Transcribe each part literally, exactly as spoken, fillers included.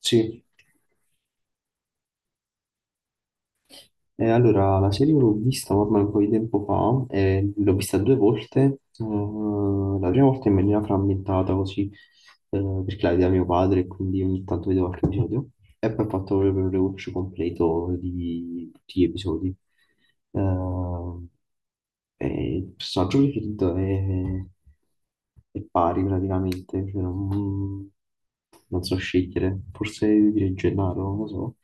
Sì, eh, allora la serie l'ho vista ormai un po' di tempo fa, eh, l'ho vista due volte, eh, la prima volta in maniera frammentata così, eh, perché la vedeva mio padre e quindi ogni tanto vedevo qualche episodio. E poi ho fatto proprio il rewatch completo di tutti gli episodi. Eh, e il personaggio preferito è, è pari praticamente. Cioè, non, non so scegliere, forse direi Gennaro, non lo so,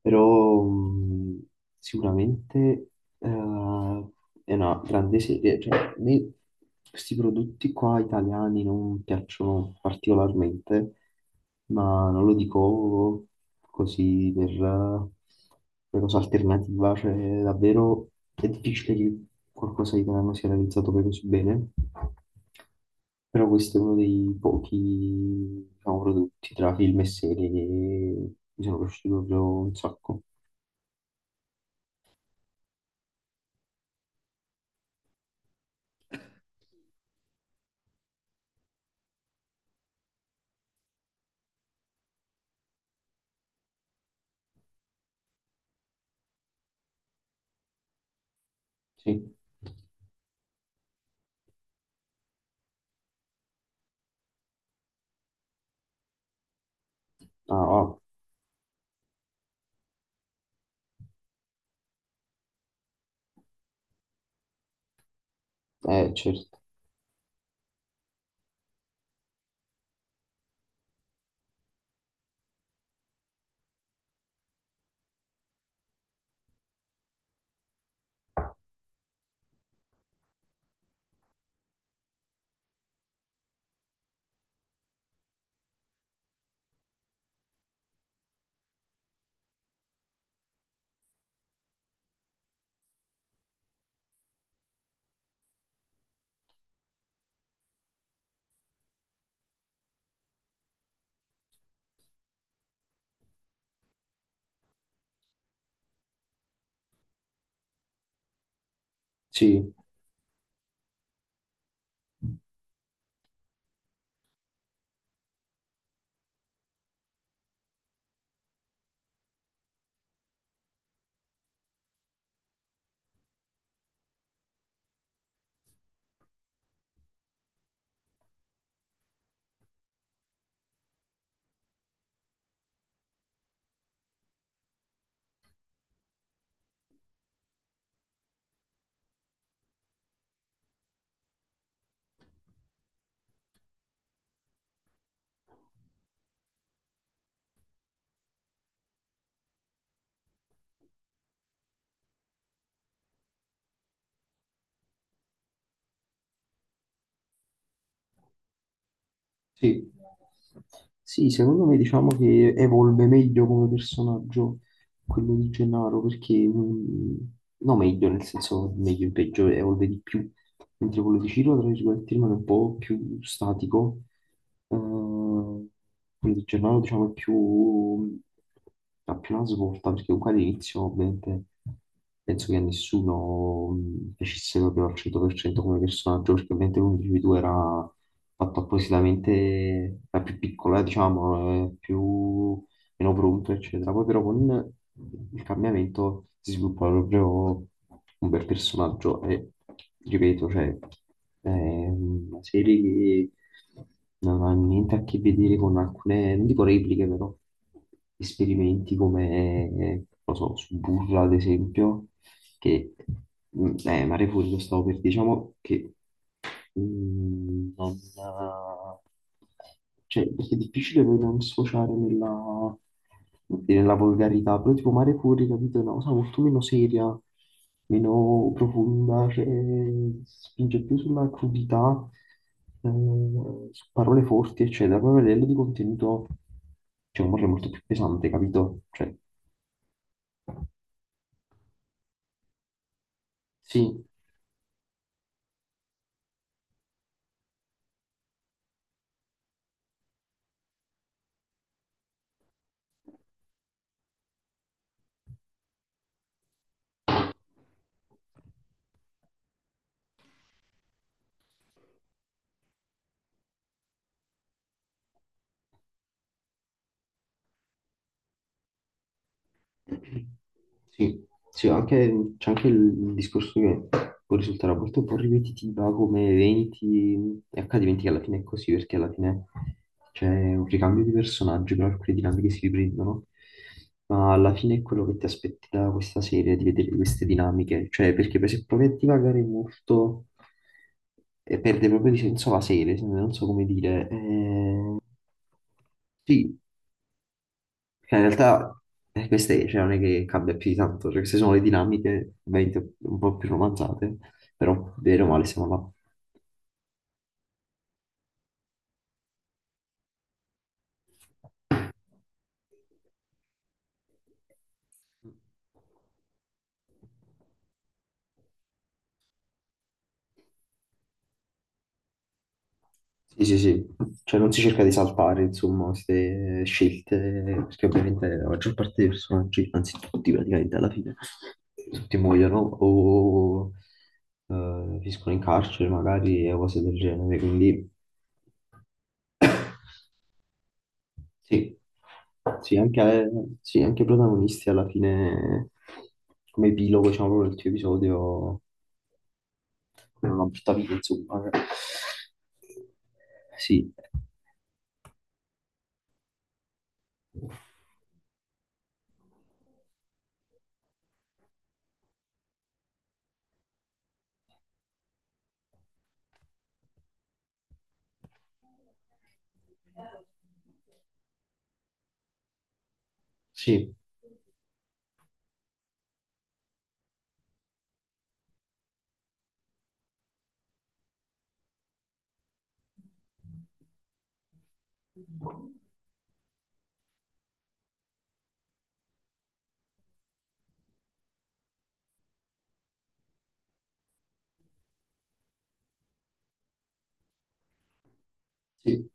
però mm, sicuramente eh, è una grande serie. Cioè, a me questi prodotti qua italiani non piacciono particolarmente, ma non lo dico così per, per cosa alternativa. Cioè davvero è difficile che qualcosa di italiano sia realizzato poi così bene, però questo è uno dei pochi, diciamo, prodotti tra film e serie che mi sono piaciuti proprio un sacco. Sì, ah, ah, eh, certo, sì. Sì. Sì, secondo me diciamo che evolve meglio come personaggio quello di Gennaro, perché mh, no meglio, nel senso meglio in peggio, evolve di più, mentre quello di Ciro, tra virgolette, rimane un po' più statico. Eh, quello di Gennaro diciamo è più, ha più una svolta, perché comunque all'inizio ovviamente penso che a nessuno mh, piacesse proprio al cento per cento come personaggio, perché ovviamente l'unico di due era fatto appositamente, è più piccola, diciamo, è più meno pronto, eccetera. Poi però con il cambiamento si sviluppa proprio un bel personaggio e, ripeto, cioè, è una serie che non ha niente a che vedere con alcune, non dico repliche, però esperimenti come, non lo so, su Burla, ad esempio, che, mm, eh, Mare Fuori lo stavo per, diciamo, che Mm, non, eh, cioè, perché è difficile poi non sfociare nella, come dire, nella volgarità, però tipo Mare Fuori, capito, è una cosa molto meno seria, meno profonda, cioè, spinge più sulla crudità, eh, su parole forti, eccetera. Poi a livello di contenuto c'è un amore molto più pesante, capito? Cioè, sì. Sì, sì, anche- c'è anche il, il discorso che può risultare a volte un po' ripetitiva come eventi e accadimenti che alla fine è così, perché alla fine c'è un ricambio di personaggi, però alcune dinamiche si riprendono, ma alla fine è quello che ti aspetti da questa serie, di vedere queste dinamiche, cioè perché per se provi a divagare molto e perde proprio di senso la serie, se- non so come dire. eh, sì, cioè, in realtà eh, queste cioè, non è che cambia più di tanto, cioè, queste sono le dinamiche ovviamente un po' più romanzate, però bene o male siamo là. Sì, sì, sì, cioè non si cerca di saltare, insomma, queste scelte, perché ovviamente la maggior parte dei personaggi, anzi tutti praticamente alla fine, tutti muoiono o eh, finiscono in carcere magari e cose del genere, quindi. Sì, sì, anche, sì, anche i protagonisti alla fine, come epilogo, diciamo, proprio del tuo episodio, come una brutta vita, insomma. Sì, sì, sì,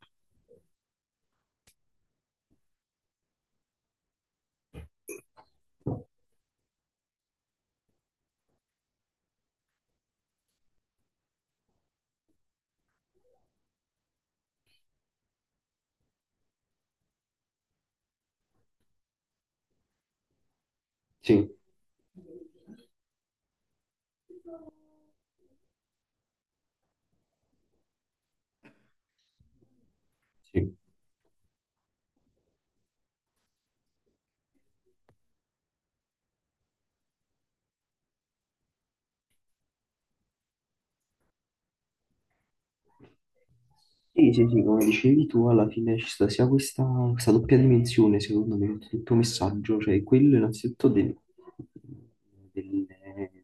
sì, sì. Sì, sì, sì, come dicevi tu, alla fine ci sta sia questa, questa doppia dimensione, secondo me, del tuo messaggio, cioè quello innanzitutto del- delle,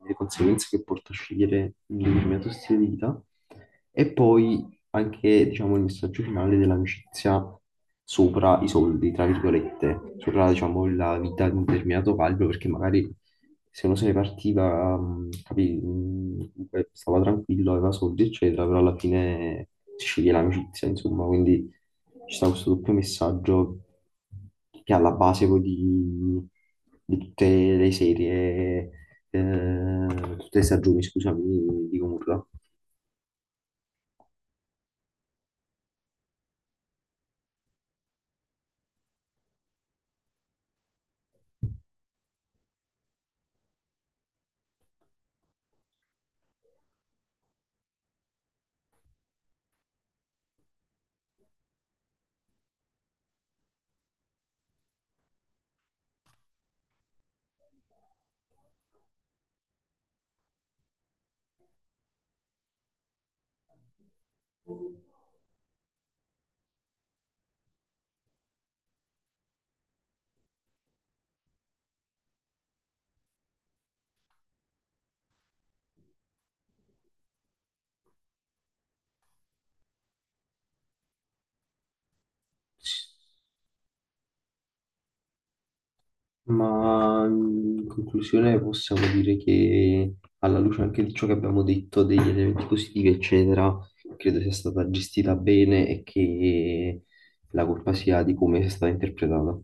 delle conseguenze che porta a scegliere un determinato stile di vita, e poi anche, diciamo, il messaggio finale dell'amicizia sopra i soldi, tra virgolette, sopra, diciamo, la vita di un determinato calibro, perché magari se uno se ne partiva, mh, capì, mh, comunque stava tranquillo, aveva soldi, eccetera, però alla fine si sceglie l'amicizia, insomma, quindi ci sta questo doppio messaggio che è alla base poi di, di tutte le serie, eh, tutte le stagioni, scusami, di Gomorra. Ma in conclusione possiamo dire che alla luce anche di ciò che abbiamo detto, degli elementi positivi, eccetera, credo sia stata gestita bene e che la colpa sia di come sia stata interpretata.